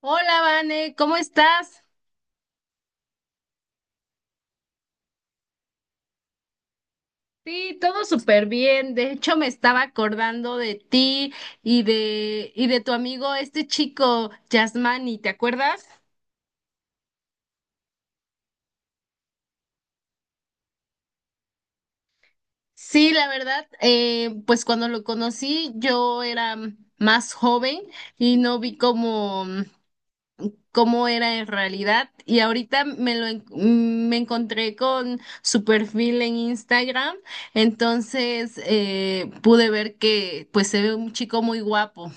Hola, Vane, ¿cómo estás? Sí, todo súper bien. De hecho, me estaba acordando de ti y de tu amigo, este chico, Yasmani, ¿te acuerdas? Sí, la verdad, pues cuando lo conocí, yo era más joven y no vi cómo era en realidad. Y ahorita me encontré con su perfil en Instagram, entonces pude ver que pues se ve un chico muy guapo.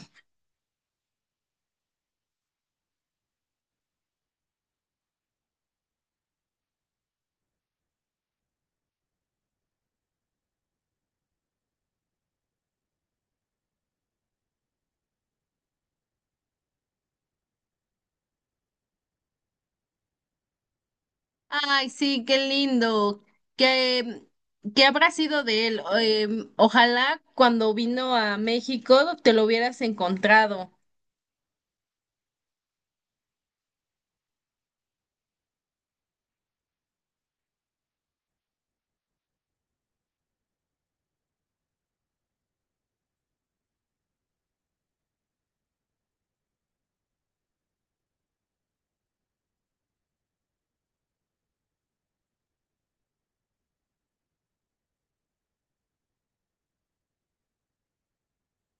Ay, sí, qué lindo. ¿Qué, ¿qué habrá sido de él? Ojalá cuando vino a México te lo hubieras encontrado.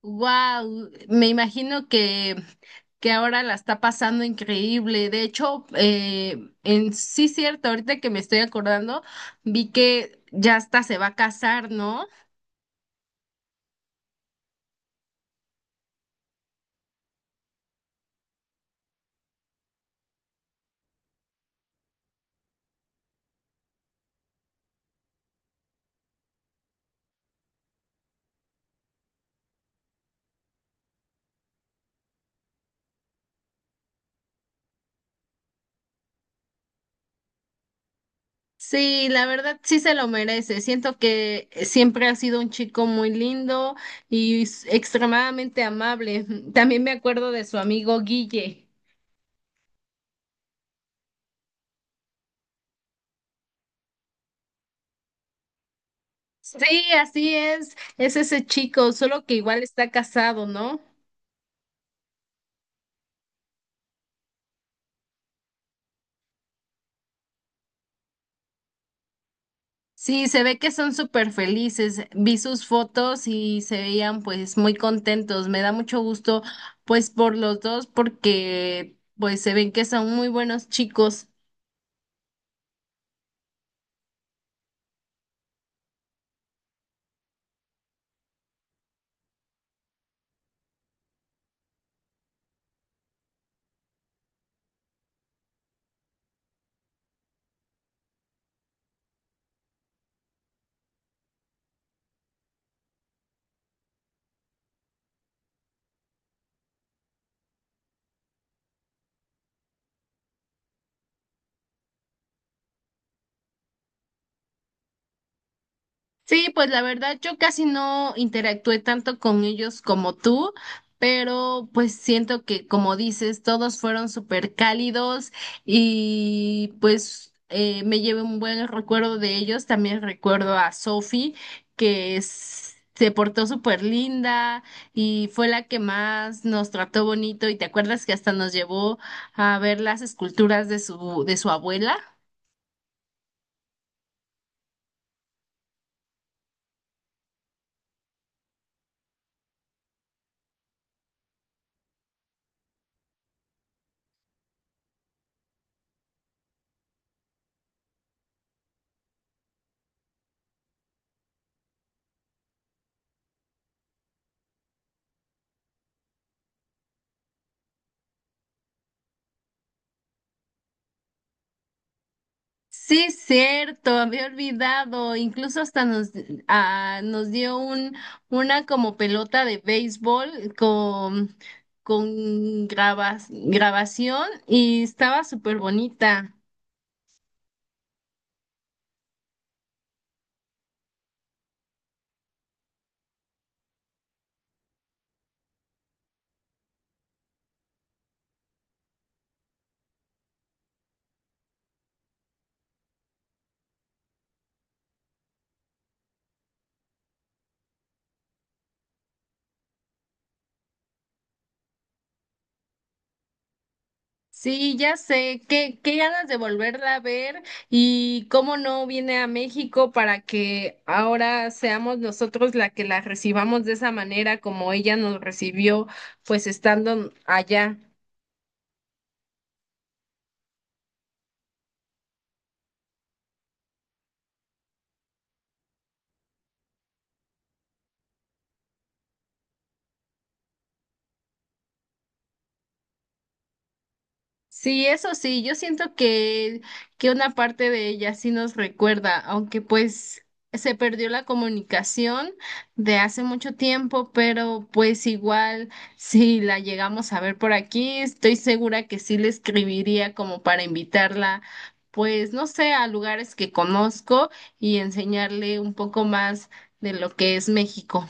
Wow, me imagino que ahora la está pasando increíble. De hecho, en sí cierto, ahorita que me estoy acordando, vi que ya hasta se va a casar, ¿no? Sí, la verdad sí se lo merece. Siento que siempre ha sido un chico muy lindo y extremadamente amable. También me acuerdo de su amigo Guille. Sí, así es ese chico, solo que igual está casado, ¿no? Sí, se ve que son súper felices. Vi sus fotos y se veían pues muy contentos. Me da mucho gusto pues por los dos porque pues se ven que son muy buenos chicos. Sí, pues la verdad yo casi no interactué tanto con ellos como tú, pero pues siento que como dices, todos fueron súper cálidos y pues me llevé un buen recuerdo de ellos. También recuerdo a Sophie, que se portó súper linda y fue la que más nos trató bonito. ¿Y te acuerdas que hasta nos llevó a ver las esculturas de de su abuela? Sí, cierto, había olvidado. Incluso hasta ah, nos dio una como pelota de béisbol con grabación y estaba súper bonita. Sí, ya sé, qué ganas de volverla a ver y cómo no viene a México para que ahora seamos nosotros la que la recibamos de esa manera como ella nos recibió, pues estando allá. Sí, eso sí, yo siento que una parte de ella sí nos recuerda, aunque pues se perdió la comunicación de hace mucho tiempo, pero pues igual si la llegamos a ver por aquí, estoy segura que sí le escribiría como para invitarla, pues no sé, a lugares que conozco y enseñarle un poco más de lo que es México.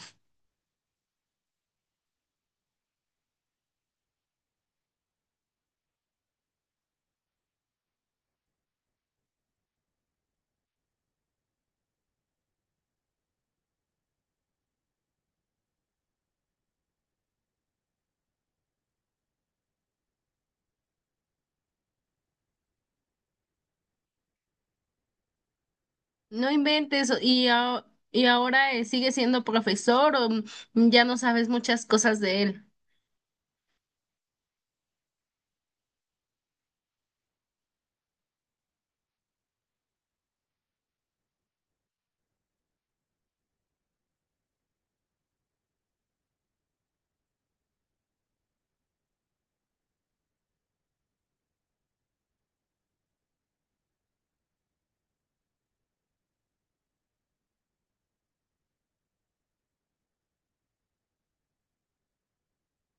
No inventes, y ahora sigue siendo profesor o ya no sabes muchas cosas de él.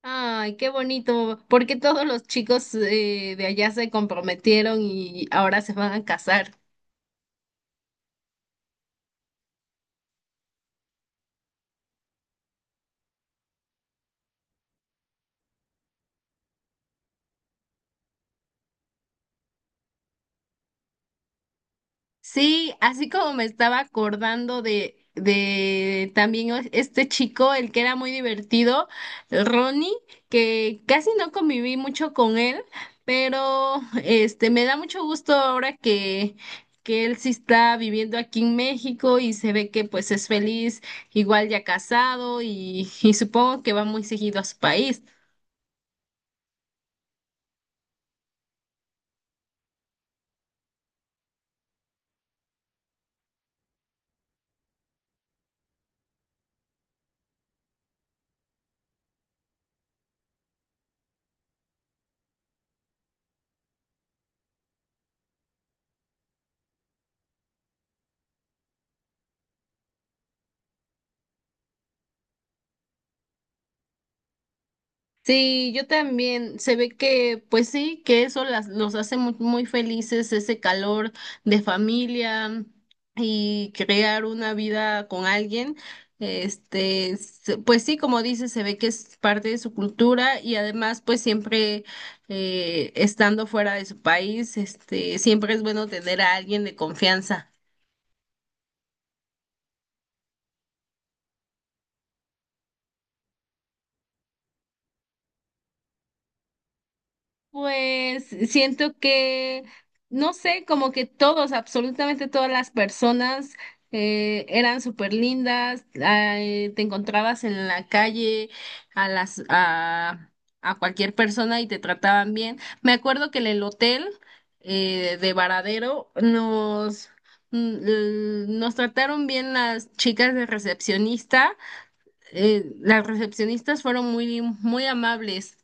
Ay, qué bonito, porque todos los chicos de allá se comprometieron y ahora se van a casar. Sí, así como me estaba acordando de también este chico, el que era muy divertido, el Ronnie, que casi no conviví mucho con él, pero este me da mucho gusto ahora que él sí está viviendo aquí en México y se ve que pues es feliz, igual ya casado y supongo que va muy seguido a su país. Sí, yo también. Se ve que, pues sí, que eso los hace muy felices, ese calor de familia y crear una vida con alguien. Este, pues sí, como dices, se ve que es parte de su cultura y además, pues siempre estando fuera de su país, este, siempre es bueno tener a alguien de confianza. Pues siento no sé, como que todos, absolutamente todas las personas eran súper lindas, ay, te encontrabas en la calle a las a, a cualquier persona y te trataban bien. Me acuerdo que en el hotel de Varadero nos trataron bien las chicas de recepcionista. Las recepcionistas fueron muy muy amables.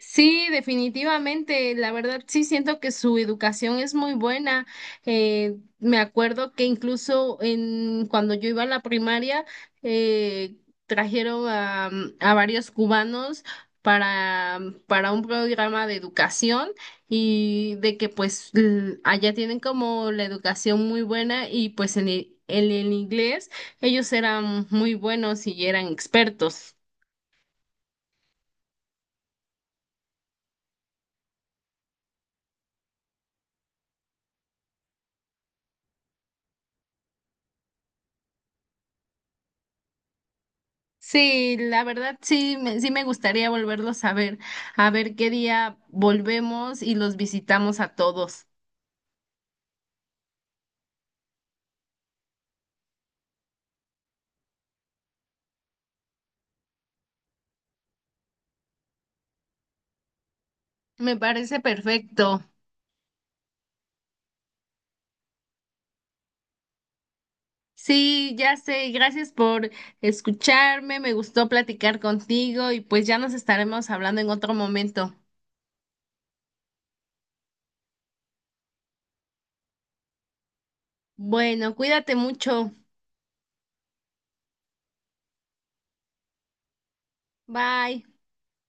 Sí, definitivamente, la verdad sí siento que su educación es muy buena. Me acuerdo que incluso en cuando yo iba a la primaria eh, trajeron a varios cubanos para, para un programa de educación y de que pues allá tienen como la educación muy buena y pues en en el inglés ellos eran muy buenos y eran expertos. Sí, la verdad sí, sí me gustaría volverlos a ver qué día volvemos y los visitamos a todos. Me parece perfecto. Sí, ya sé, gracias por escucharme, me gustó platicar contigo y pues ya nos estaremos hablando en otro momento. Bueno, cuídate mucho. Bye.